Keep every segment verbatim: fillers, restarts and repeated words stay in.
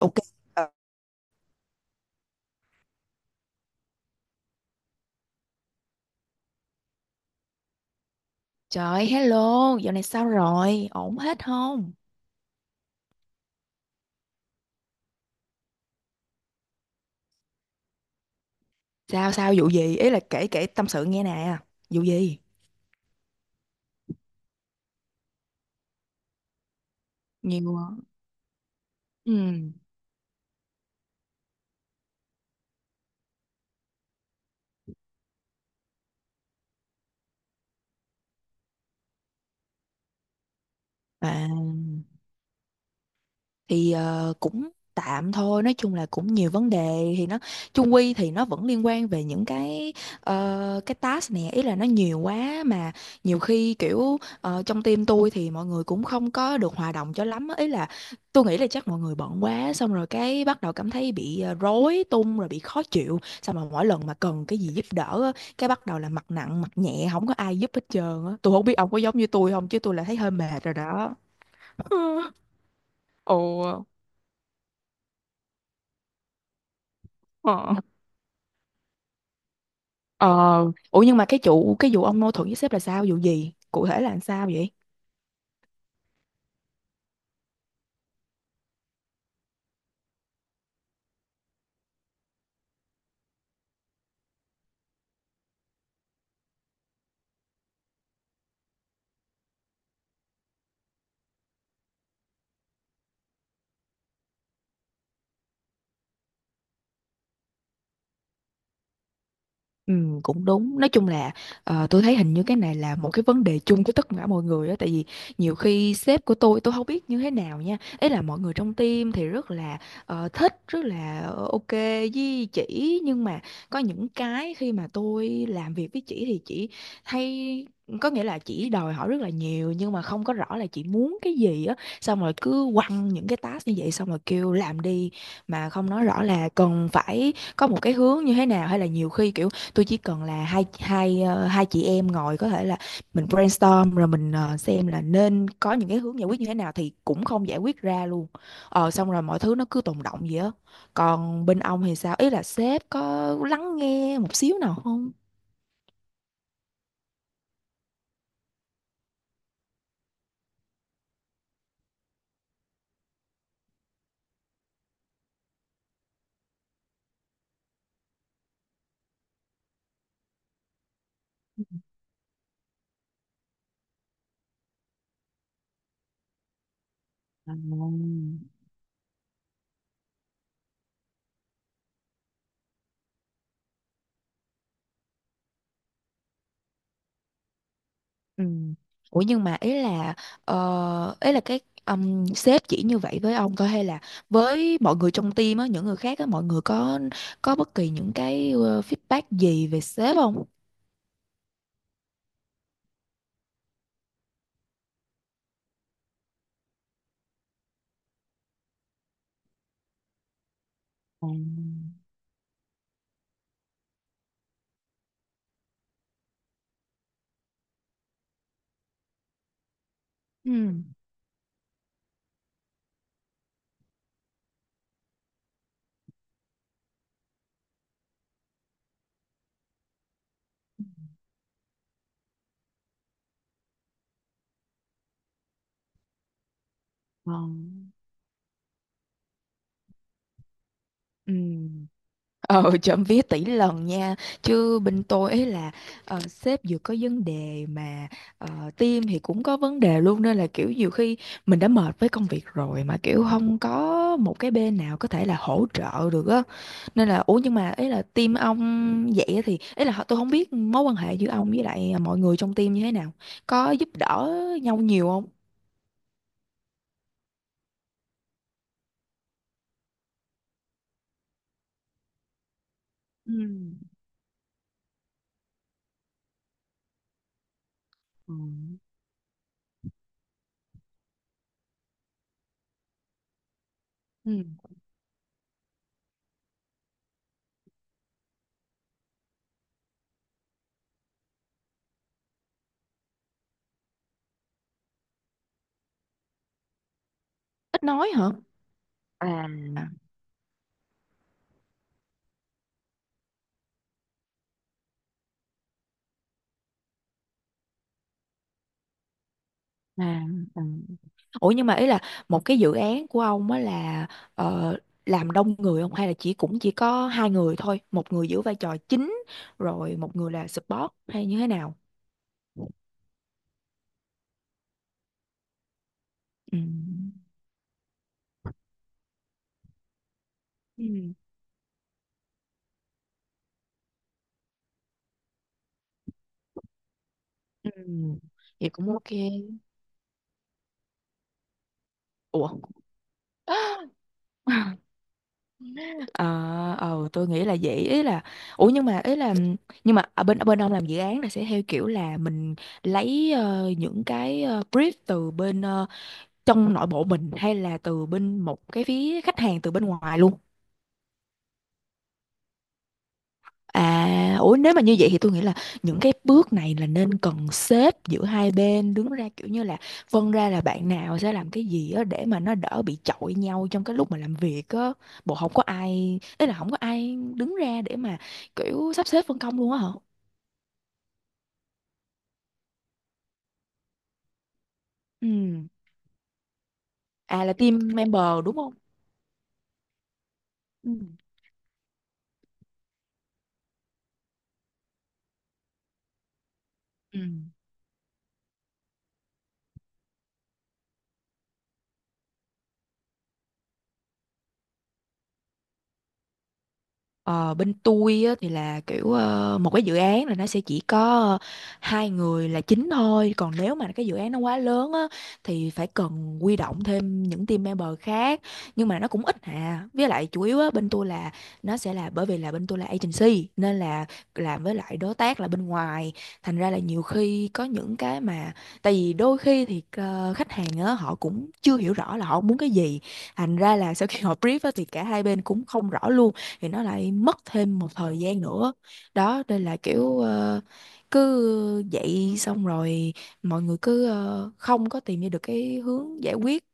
Ok. Ờ, Trời, hello, dạo này sao rồi? Ổn hết không? Sao sao vụ gì? Ý là kể kể tâm sự nghe nè. Vụ gì? Nhiều ạ. Ừ. À, thì ờ, cũng tạm thôi, nói chung là cũng nhiều vấn đề thì nó chung quy thì nó vẫn liên quan về những cái ờ, cái task này, ý là nó nhiều quá. Mà nhiều khi kiểu ờ, trong team tôi thì mọi người cũng không có được hòa đồng cho lắm á. Ý là tôi nghĩ là chắc mọi người bận quá, xong rồi cái bắt đầu cảm thấy bị ờ, rối tung rồi bị khó chịu, xong rồi mỗi lần mà cần cái gì giúp đỡ á, cái bắt đầu là mặt nặng mặt nhẹ, không có ai giúp hết trơn á. Tôi không biết ông có giống như tôi không, chứ tôi là thấy hơi mệt rồi đó. Ồ, ờ. Ờ, ủa nhưng mà cái chủ cái vụ ông mâu thuẫn với sếp là sao? Vụ gì? Cụ thể là làm sao vậy? Ừ, cũng đúng. Nói chung là ờ, tôi thấy hình như cái này là một cái vấn đề chung của tất cả mọi người á, tại vì nhiều khi sếp của tôi tôi không biết như thế nào nha, ấy là mọi người trong team thì rất là ờ, thích, rất là ờ, ok với chị. Nhưng mà có những cái khi mà tôi làm việc với chị thì chị hay, có nghĩa là chị đòi hỏi rất là nhiều nhưng mà không có rõ là chị muốn cái gì á, xong rồi cứ quăng những cái task như vậy xong rồi kêu làm đi, mà không nói rõ là cần phải có một cái hướng như thế nào. Hay là nhiều khi kiểu tôi chỉ cần là hai hai ờ, hai chị em ngồi, có thể là mình brainstorm rồi mình ờ, xem là nên có những cái hướng giải quyết như thế nào, thì cũng không giải quyết ra luôn. Ờ, xong rồi mọi thứ nó cứ tồn đọng vậy á. Còn bên ông thì sao, ý là sếp có lắng nghe một xíu nào không? À, ừ, ủa nhưng mà ý là ờ, ý là cái um, sếp chỉ như vậy với ông thôi hay là với mọi người trong team á, những người khác á, mọi người có có bất kỳ những cái ờ, feedback gì về sếp không? À, ừ. Ngon. Ừ. Ờ, trộm vía tỷ lần nha. Chứ bên tôi ấy là ờ, sếp vừa có vấn đề, mà uh, team thì cũng có vấn đề luôn. Nên là kiểu nhiều khi mình đã mệt với công việc rồi mà kiểu không có một cái bên nào có thể là hỗ trợ được á. Nên là, ủa nhưng mà ấy là team ông vậy thì ấy là tôi không biết mối quan hệ giữa ông với lại mọi người trong team như thế nào. Có giúp đỡ nhau nhiều không? Ừ. Ừ. Ừ. Ít nói hả? À, à, ừ. Ủa nhưng mà ý là một cái dự án của ông á là ờ, làm đông người không, hay là chỉ cũng chỉ có hai người thôi, một người giữ vai trò chính rồi một người là support, hay như thế nào? Ừ. Ừ. Ừ. Vậy cũng ok. Ủa, ờ, ờ, tôi nghĩ là vậy. Ý là, ủa nhưng mà ý là ừ, nhưng mà ở bên ở bên ông làm dự án là sẽ theo kiểu là mình lấy ờ, những cái ờ, brief từ bên ờ, trong nội bộ mình, hay là từ bên một cái phía khách hàng từ bên ngoài luôn? À, ủa nếu mà như vậy thì tôi nghĩ là những cái bước này là nên cần xếp giữa hai bên đứng ra, kiểu như là phân ra là bạn nào sẽ làm cái gì á để mà nó đỡ bị chọi nhau trong cái lúc mà làm việc á. Bộ không có ai, ý là không có ai đứng ra để mà kiểu sắp xếp phân công luôn á hả? Ừ, à là team member đúng không? Ừ. Ừ. Ờ, bên tôi á, thì là kiểu ờ, một cái dự án là nó sẽ chỉ có ờ, hai người là chính thôi. Còn nếu mà cái dự án nó quá lớn á, thì phải cần huy động thêm những team member khác, nhưng mà nó cũng ít à. Với lại chủ yếu á, bên tôi là nó sẽ là, bởi vì là bên tôi là agency nên là làm với lại đối tác là bên ngoài. Thành ra là nhiều khi có những cái mà, tại vì đôi khi thì ờ, khách hàng á, họ cũng chưa hiểu rõ là họ muốn cái gì, thành ra là sau khi họ brief á, thì cả hai bên cũng không rõ luôn, thì nó lại mất thêm một thời gian nữa. Đó, đây là kiểu ờ, cứ dậy xong rồi mọi người cứ ờ, không có tìm ra được cái hướng giải quyết,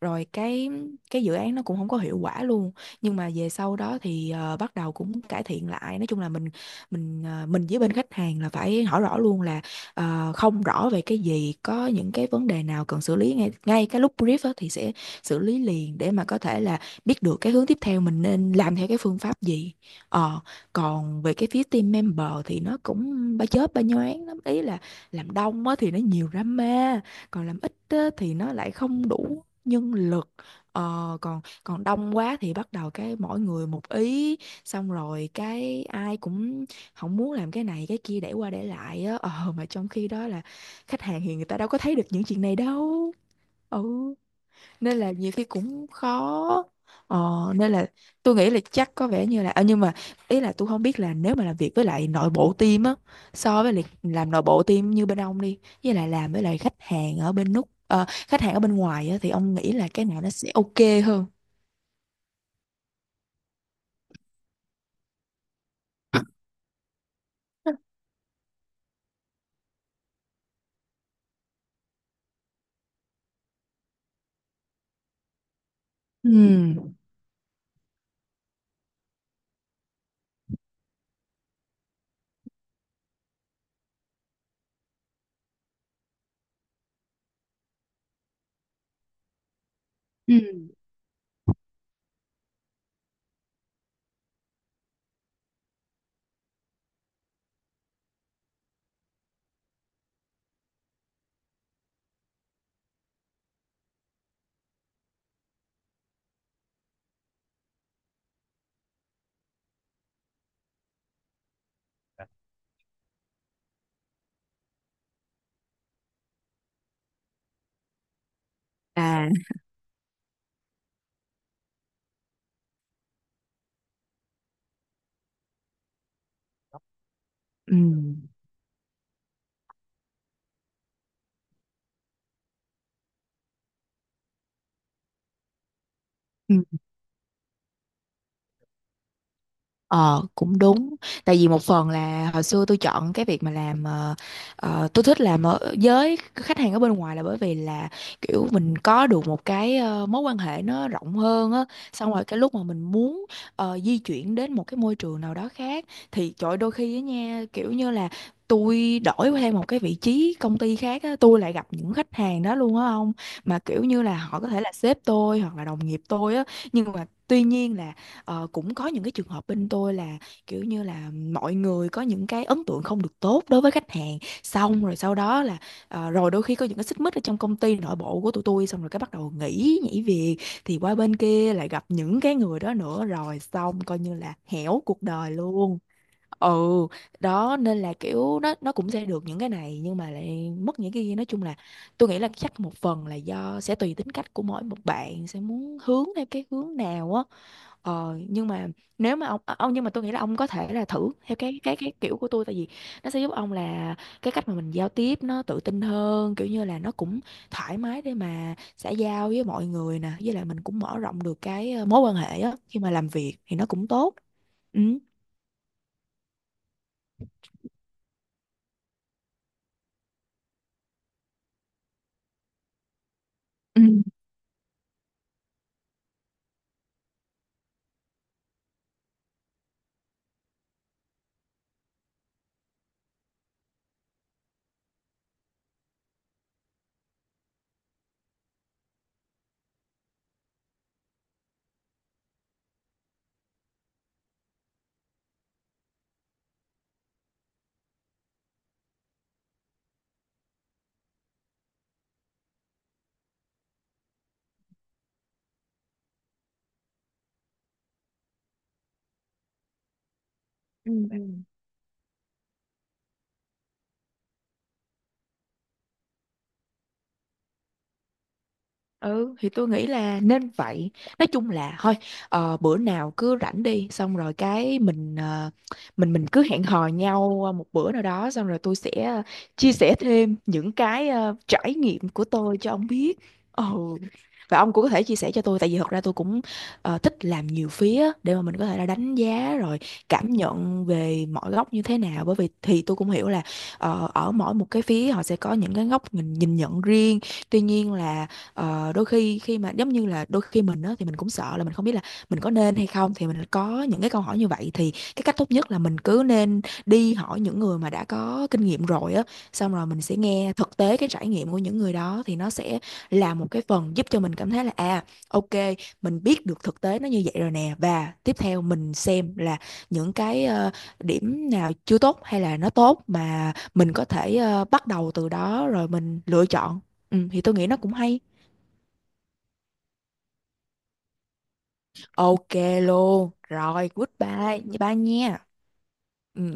rồi cái cái dự án nó cũng không có hiệu quả luôn. Nhưng mà về sau đó thì ờ, bắt đầu cũng cải thiện lại. Nói chung là mình mình ờ, mình với bên khách hàng là phải hỏi rõ luôn là ờ, không rõ về cái gì, có những cái vấn đề nào cần xử lý, ngay ngay cái lúc brief á thì sẽ xử lý liền để mà có thể là biết được cái hướng tiếp theo mình nên làm theo cái phương pháp gì. Ờ, còn về cái phía team member thì nó cũng ba chớp ba nhoáng lắm, ý là làm đông á thì nó nhiều drama, còn làm ít á thì nó lại không đủ nhân lực. Ờ, còn còn đông quá thì bắt đầu cái mỗi người một ý, xong rồi cái ai cũng không muốn làm cái này cái kia, để qua để lại á. Ờ mà trong khi đó là khách hàng thì người ta đâu có thấy được những chuyện này đâu. Ừ, nên là nhiều khi cũng khó. ờ, Nên là tôi nghĩ là chắc có vẻ như là à, nhưng mà ý là tôi không biết là nếu mà làm việc với lại nội bộ team á, so với lại làm nội bộ team như bên ông đi, với lại làm với lại khách hàng ở bên nút ờ, khách hàng ở bên ngoài á, thì ông nghĩ là cái nào nó sẽ ok hơn? Ừ. Ừ. À. Ừ. Ừ. Ờ, cũng đúng. Tại vì một phần là hồi xưa tôi chọn cái việc mà làm ờ, ờ, tôi thích làm ở với khách hàng ở bên ngoài là bởi vì là kiểu mình có được một cái ờ, mối quan hệ nó rộng hơn á. Xong rồi cái lúc mà mình muốn ờ, di chuyển đến một cái môi trường nào đó khác, thì trời ơi, đôi khi á nha kiểu như là tôi đổi thêm một cái vị trí công ty khác á, tôi lại gặp những khách hàng đó luôn á ông. Mà kiểu như là họ có thể là sếp tôi hoặc là đồng nghiệp tôi á. Nhưng mà tuy nhiên là ờ, cũng có những cái trường hợp bên tôi là kiểu như là mọi người có những cái ấn tượng không được tốt đối với khách hàng, xong rồi sau đó là ờ, rồi đôi khi có những cái xích mích ở trong công ty nội bộ của tụi tôi, xong rồi cái bắt đầu nghỉ nhảy việc, thì qua bên kia lại gặp những cái người đó nữa, rồi xong coi như là hẻo cuộc đời luôn. Ừ, đó, nên là kiểu nó nó cũng sẽ được những cái này nhưng mà lại mất những cái kia. Nói chung là tôi nghĩ là chắc một phần là do sẽ tùy tính cách của mỗi một bạn sẽ muốn hướng theo cái hướng nào á. Ờ, nhưng mà nếu mà ông ờ, ông nhưng mà tôi nghĩ là ông có thể là thử theo cái cái cái kiểu của tôi, tại vì nó sẽ giúp ông là cái cách mà mình giao tiếp nó tự tin hơn, kiểu như là nó cũng thoải mái để mà xã giao với mọi người nè, với lại mình cũng mở rộng được cái ờ, mối quan hệ á, khi mà làm việc thì nó cũng tốt. Ừ. Ừ. Ừ. Ừ. Ừ thì tôi nghĩ là nên vậy. Nói chung là thôi, ờ, bữa nào cứ rảnh đi, xong rồi cái mình ờ, mình mình cứ hẹn hò nhau ờ, một bữa nào đó, xong rồi tôi sẽ ờ, chia sẻ thêm những cái ờ, trải nghiệm của tôi cho ông biết. Ừ. Và ông cũng có thể chia sẻ cho tôi. Tại vì thật ra tôi cũng ờ, thích làm nhiều phía, để mà mình có thể là đánh giá rồi cảm nhận về mọi góc như thế nào. Bởi vì thì tôi cũng hiểu là ờ, ở mỗi một cái phía họ sẽ có những cái góc nhìn, nhìn nhận riêng. Tuy nhiên là ờ, đôi khi khi mà giống như là đôi khi mình á, thì mình cũng sợ là mình không biết là mình có nên hay không, thì mình có những cái câu hỏi như vậy, thì cái cách tốt nhất là mình cứ nên đi hỏi những người mà đã có kinh nghiệm rồi á, xong rồi mình sẽ nghe thực tế cái trải nghiệm của những người đó, thì nó sẽ là một cái phần giúp cho mình cảm thấy là à, ok, mình biết được thực tế nó như vậy rồi nè. Và tiếp theo mình xem là những cái ờ, điểm nào chưa tốt hay là nó tốt, mà mình có thể ờ, bắt đầu từ đó rồi mình lựa chọn. Ừ, thì tôi nghĩ nó cũng hay. Ok luôn. Rồi, goodbye. Bye nha.